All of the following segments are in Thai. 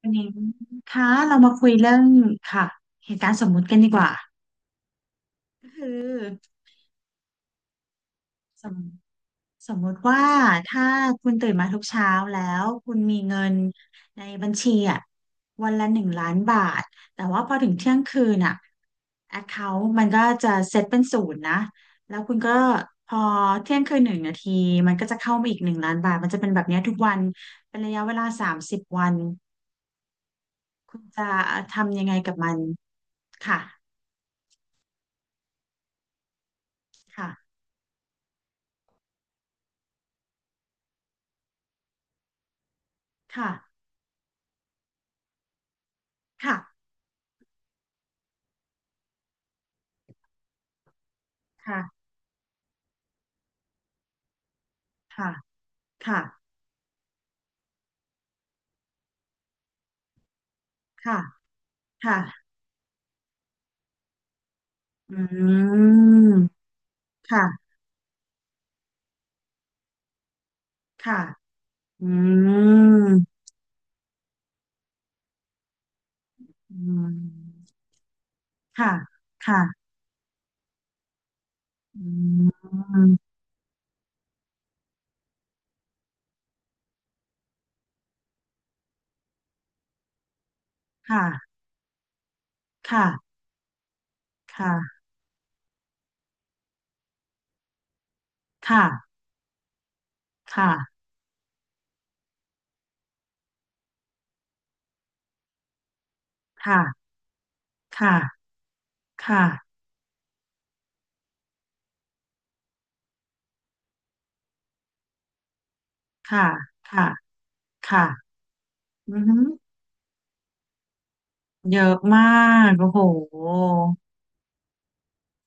วันนี้คะเรามาคุยเรื่องค่ะเหตุการณ์สมมุติกันดีกว่าก็คือสมสมมุติว่าถ้าคุณตื่นมาทุกเช้าแล้วคุณมีเงินในบัญชีอ่ะวันละหนึ่งล้านบาทแต่ว่าพอถึงเที่ยงคืนอ่ะแอคเคาท์มันก็จะเซตเป็นศูนย์นะแล้วคุณก็พอเที่ยงคืนหนึ่งนาทีมันก็จะเข้ามาอีกหนึ่งล้านบาทมันจะเป็นแบบเนี้ยทุกวันเป็นระยะเวลาสามสิบวันคุณจะทำยังไงกับมันค่ะค่ะ ค่ะค่ะค่ะค่ะค่ะค่ะค่ะอืมค่ะค่ะอืมอืมค่ะค่ะอืมค่ะค่ะค่ะค่ะค่ะค่ะค่ะค่ะค่ะค่ะค่ะอือหือเยอะมากโอ้โห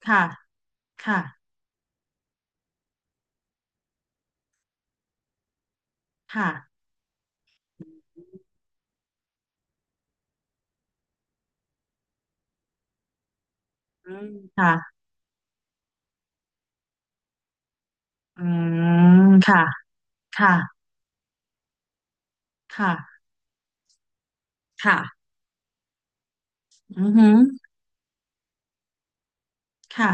ค่ะค่ะค่ะอืมค่ะอืมค่ะค่ะค่ะค่ะอือหือ ค่ะ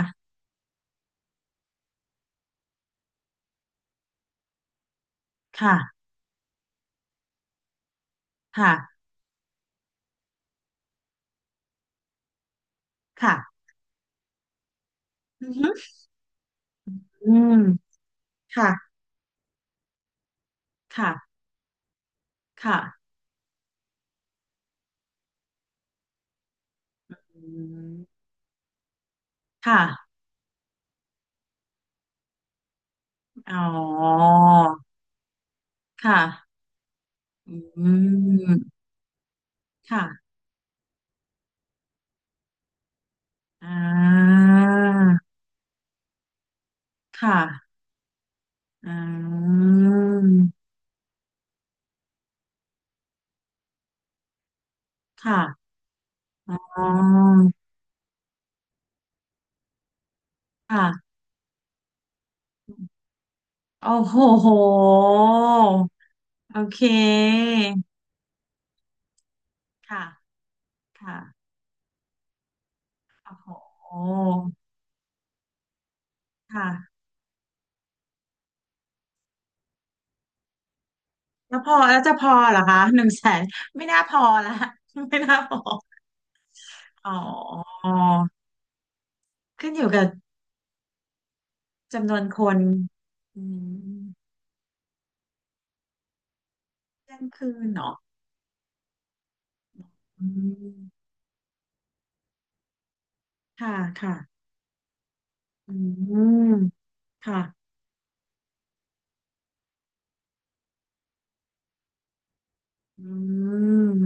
ค่ะค่ะค่ะอือฮึอืมค่ะค่ะค่ะอืมค่ะอ๋อค่ะอืมค่ะอ่าค่ะอืมค่ะอ๋อค่ะโอ้โหโหโอเคค่ะค่ะโอ้โหค่ะ แล้วพอแล้วจะพอเหรอคะหนึ่งแสนไม่น่าพอละไม่น่าพออ๋อขึ้นอยู่กับจำนวนคนอืมเที่ยงคืนเนาะอืมค่ะค่ะอืมค่ะอืม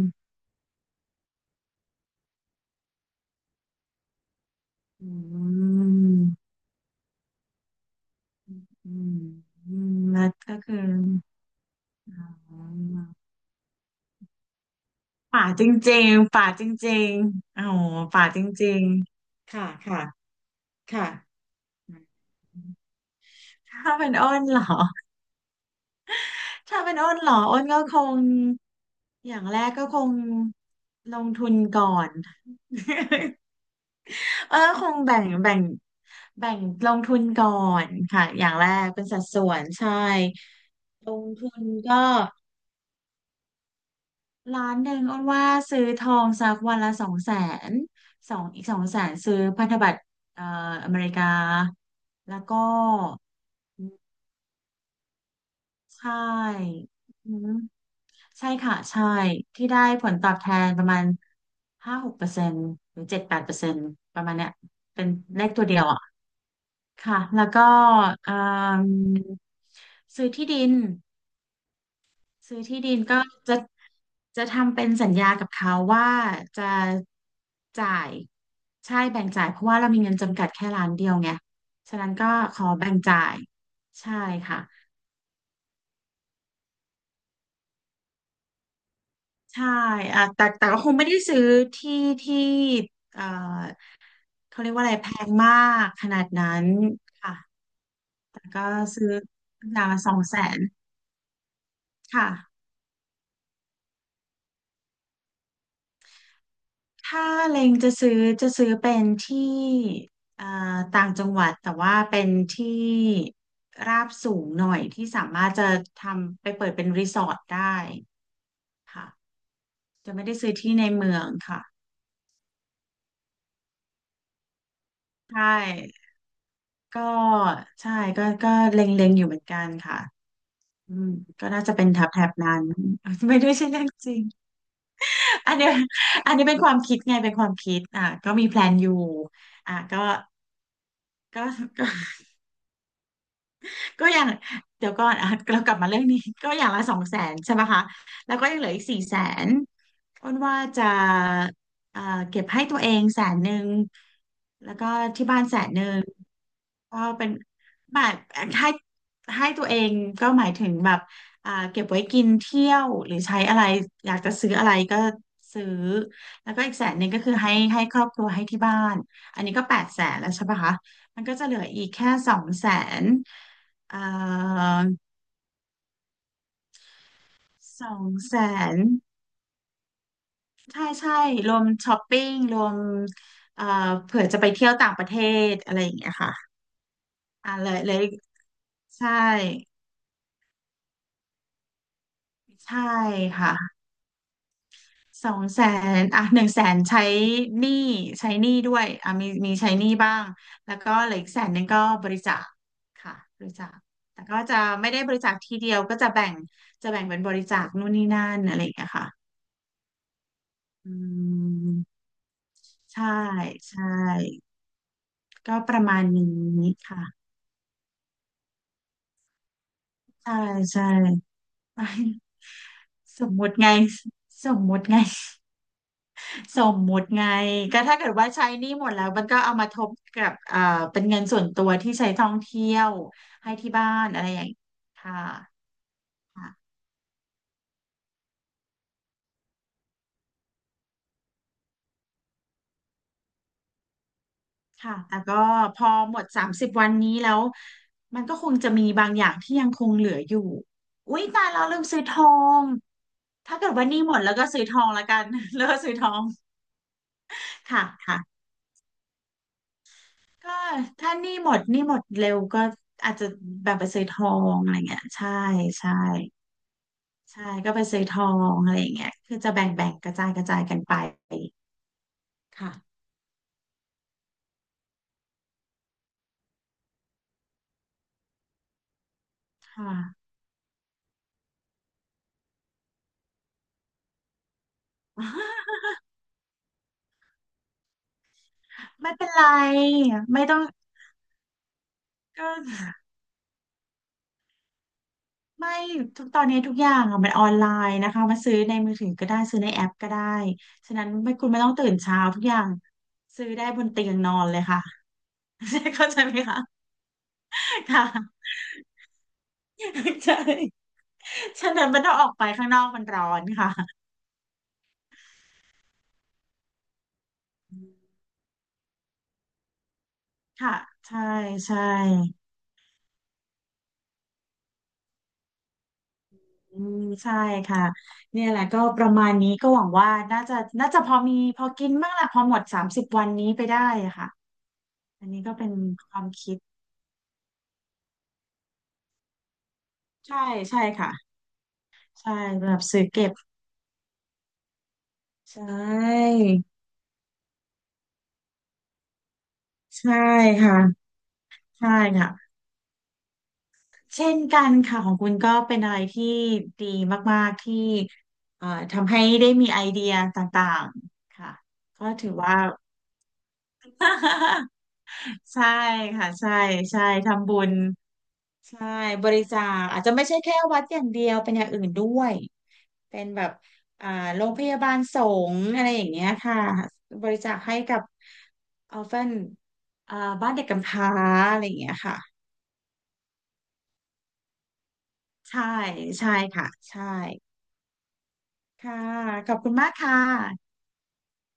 อืมอืมอืมแล้วก็คืออ๋อป่าจริงๆป่าจริงๆอ๋อป่าจริงๆค่ะค่ะค่ะถ้าเป็นอ้นเหรอ ถ้าเป็นอ้นเหรออ้นก็คงอย่างแรกก็คงลงทุนก่อนเออคงแบ่งแบ่งลงทุนก่อนค่ะอย่างแรกเป็นสัดส่วนใช่ลงทุนก็ล้านหนึ่งอ้นว่าซื้อทองสักวันละสองแสนสองอีกสองแสนซื้อพันธบัตรเอ่ออเมริกาแล้วก็ใช่อืม ใช่ค่ะใช่ที่ได้ผลตอบแทนประมาณ5-6%หรือ7-8%ประมาณเนี้ยเป็นเลขตัวเดียวอ่ะค่ะแล้วก็เอิ่มซื้อที่ดินซื้อที่ดินก็จะทำเป็นสัญญากับเขาว่าจะจ่ายใช่แบ่งจ่ายเพราะว่าเรามีเงินจำกัดแค่ล้านเดียวไงฉะนั้นก็ขอแบ่งจ่ายใช่ค่ะ ใช่อ่ะแต่ก็คงไม่ได้ซื้อที่ที่เอ่อเขาเรียกว่าอะไรแพงมากขนาดนั้นค่ะ แต่ก็ซื้ออย่างละสองแสนค่ะถ้าเล็งจะซื้อจะซื้อเป็นที่เอ่อต่างจังหวัดแต่ว่าเป็นที่ราบสูงหน่อยที่สามารถจะทำไปเปิดเป็นรีสอร์ทได้ค่ะจะไม่ได้ซื้อที่ในเมืองค่ะใช่ก็ใช่ก็ก็เล็งๆอยู่เหมือนกันค่ะ อืมก็น่าจะเป็นแถบแถบนั้น ไม่ได้ใช่เรื่องจริง อันเนี้ยอันนี้เป็นความคิดไงเป็นความคิดอ่ะก็มีแพลนอยู่อ่ะก็ก็ก็ ก็อย่างเดี๋ยวก่อนอ่ะเรากลับมาเรื่องนี้ ก็อย่างละ200,000ใช่ไหมคะแล้วก็ยังเหลืออีก400,000อ้นว่าจะเอ่อเก็บให้ตัวเองแสนหนึ่งแล้วก็ที่บ้านแสนหนึ่ง ก็เป็นหมายให้ให้ตัวเองก็หมายถึงแบบอ่าเก็บไว้กินเที่ยวหรือใช้อะไรอยากจะซื้ออะไรก็ซื้อแล้วก็อีกแสนหนึ่งก็คือให้ครอบครัวให้ที่บ้านอันนี้ก็800,000แล้วใช่ปะคะมันก็จะเหลืออีกแค่สองแสนเอ่อสองแสนใช่ใช่รวมช้อปปิ้งรวมเอ่อเผื่อจะไปเที่ยวต่างประเทศอะไรอย่างเงี้ยค่ะอ่าเลยเลยใช่ใช่ค่ะ สองแสนอ่ะ100,000ใช้หนี้ใช้หนี้ด้วยอ่ะมีใช้หนี้บ้างแล้วก็เหลืออีกแสนหนึ่งก็บริจาคค่ะบริจาคแต่ก็จะไม่ได้บริจาคทีเดียวก็จะแบ่งจะแบ่งเป็นบริจาคนู่นนี่นั่นอะไรอย่างเงี้ยค่ะอืมใช่ใช่ก็ประมาณนี้ค่ะใช่ใช่ สมมุติไงสมมุติไง สมมุติไงก็ถ้าเกิดว่าใช้หนี้หมดแล้วมันก็เอามาทบกับเป็นเงินส่วนตัวที่ใช้ท่องเที่ยวให้ที่บ้านอะไรอย่างนี้ค่ะค่ะค่ะแต่ก็พอหมดสามสิบวันนี้แล้วมันก็คงจะมีบางอย่างที่ยังคงเหลืออยู่อุ๊ยตายแล้วลืมซื้อทองถ้าเกิดว่าหนี้หมดแล้วก็ซื้อทองละกัน แล้วก็ซื้อทองค่ะค่ะก็ถ้าหนี้หมดเร็วก็อาจจะแบบไปซื้อทองอะไรเงี้ยใช่ใช่ ใช่ก็ไปซื้อทองอะไรอย่างเงี้ยคือจะแบ่งกระจายกระจายกันไปค่ะค่ะ ไม่เป็นไรไม่ต้องก็ไม่ทุกตอนนี้ทุกอย่างอะมันออนไลน์นะคะมาซื้อในมือถือก็ได้ซื้อในแอปก็ได้ฉะนั้นไม่คุณไม่ต้องตื่นเช้าทุกอย่างซื้อได้บนเตียงนอนเลยค่ะ ใช่เข้าใจไหมคะค่ะ ใช่ฉะนั้นมันต้องออกไปข้างนอกมันร้อนค่ะค่ะใช่ใช่ อืมใช่ค่ะเนี่ยแหละก็ประมาณนี้ก็หวังว่าน่าจะน่าจะพอมีพอกินบ้างและพอหมดสามสิบวันนี้ไปได้อะค่ะอันนี้ก็เป็นความคิดใช่ใช่ค่ะใช่แบบซื้อเก็บใช่ใช่ค่ะใช่ค่ะเช่นกันค่ะของคุณก็เป็นอะไรที่ดีมากๆที่ทำให้ได้มีไอเดียต่างๆค่ะก็ถือว่า ใช่ค่ะใช่ใช่ทำบุญ ใช่บริจาคอาจจะไม่ใช่แค่วัดอย่างเดียวเป็นอย่างอื่นด้วยเป็นแบบอ่าโรงพยาบาลสงฆ์อะไรอย่างเงี้ยค่ะบริจาคให้กับออฟเฟนอ่าบ้านเด็กกำพร้าอะไรอย่างเงี้ยค่ะใช่ใช่ค่ะใช่ค่ะขอบคุณมากค่ะ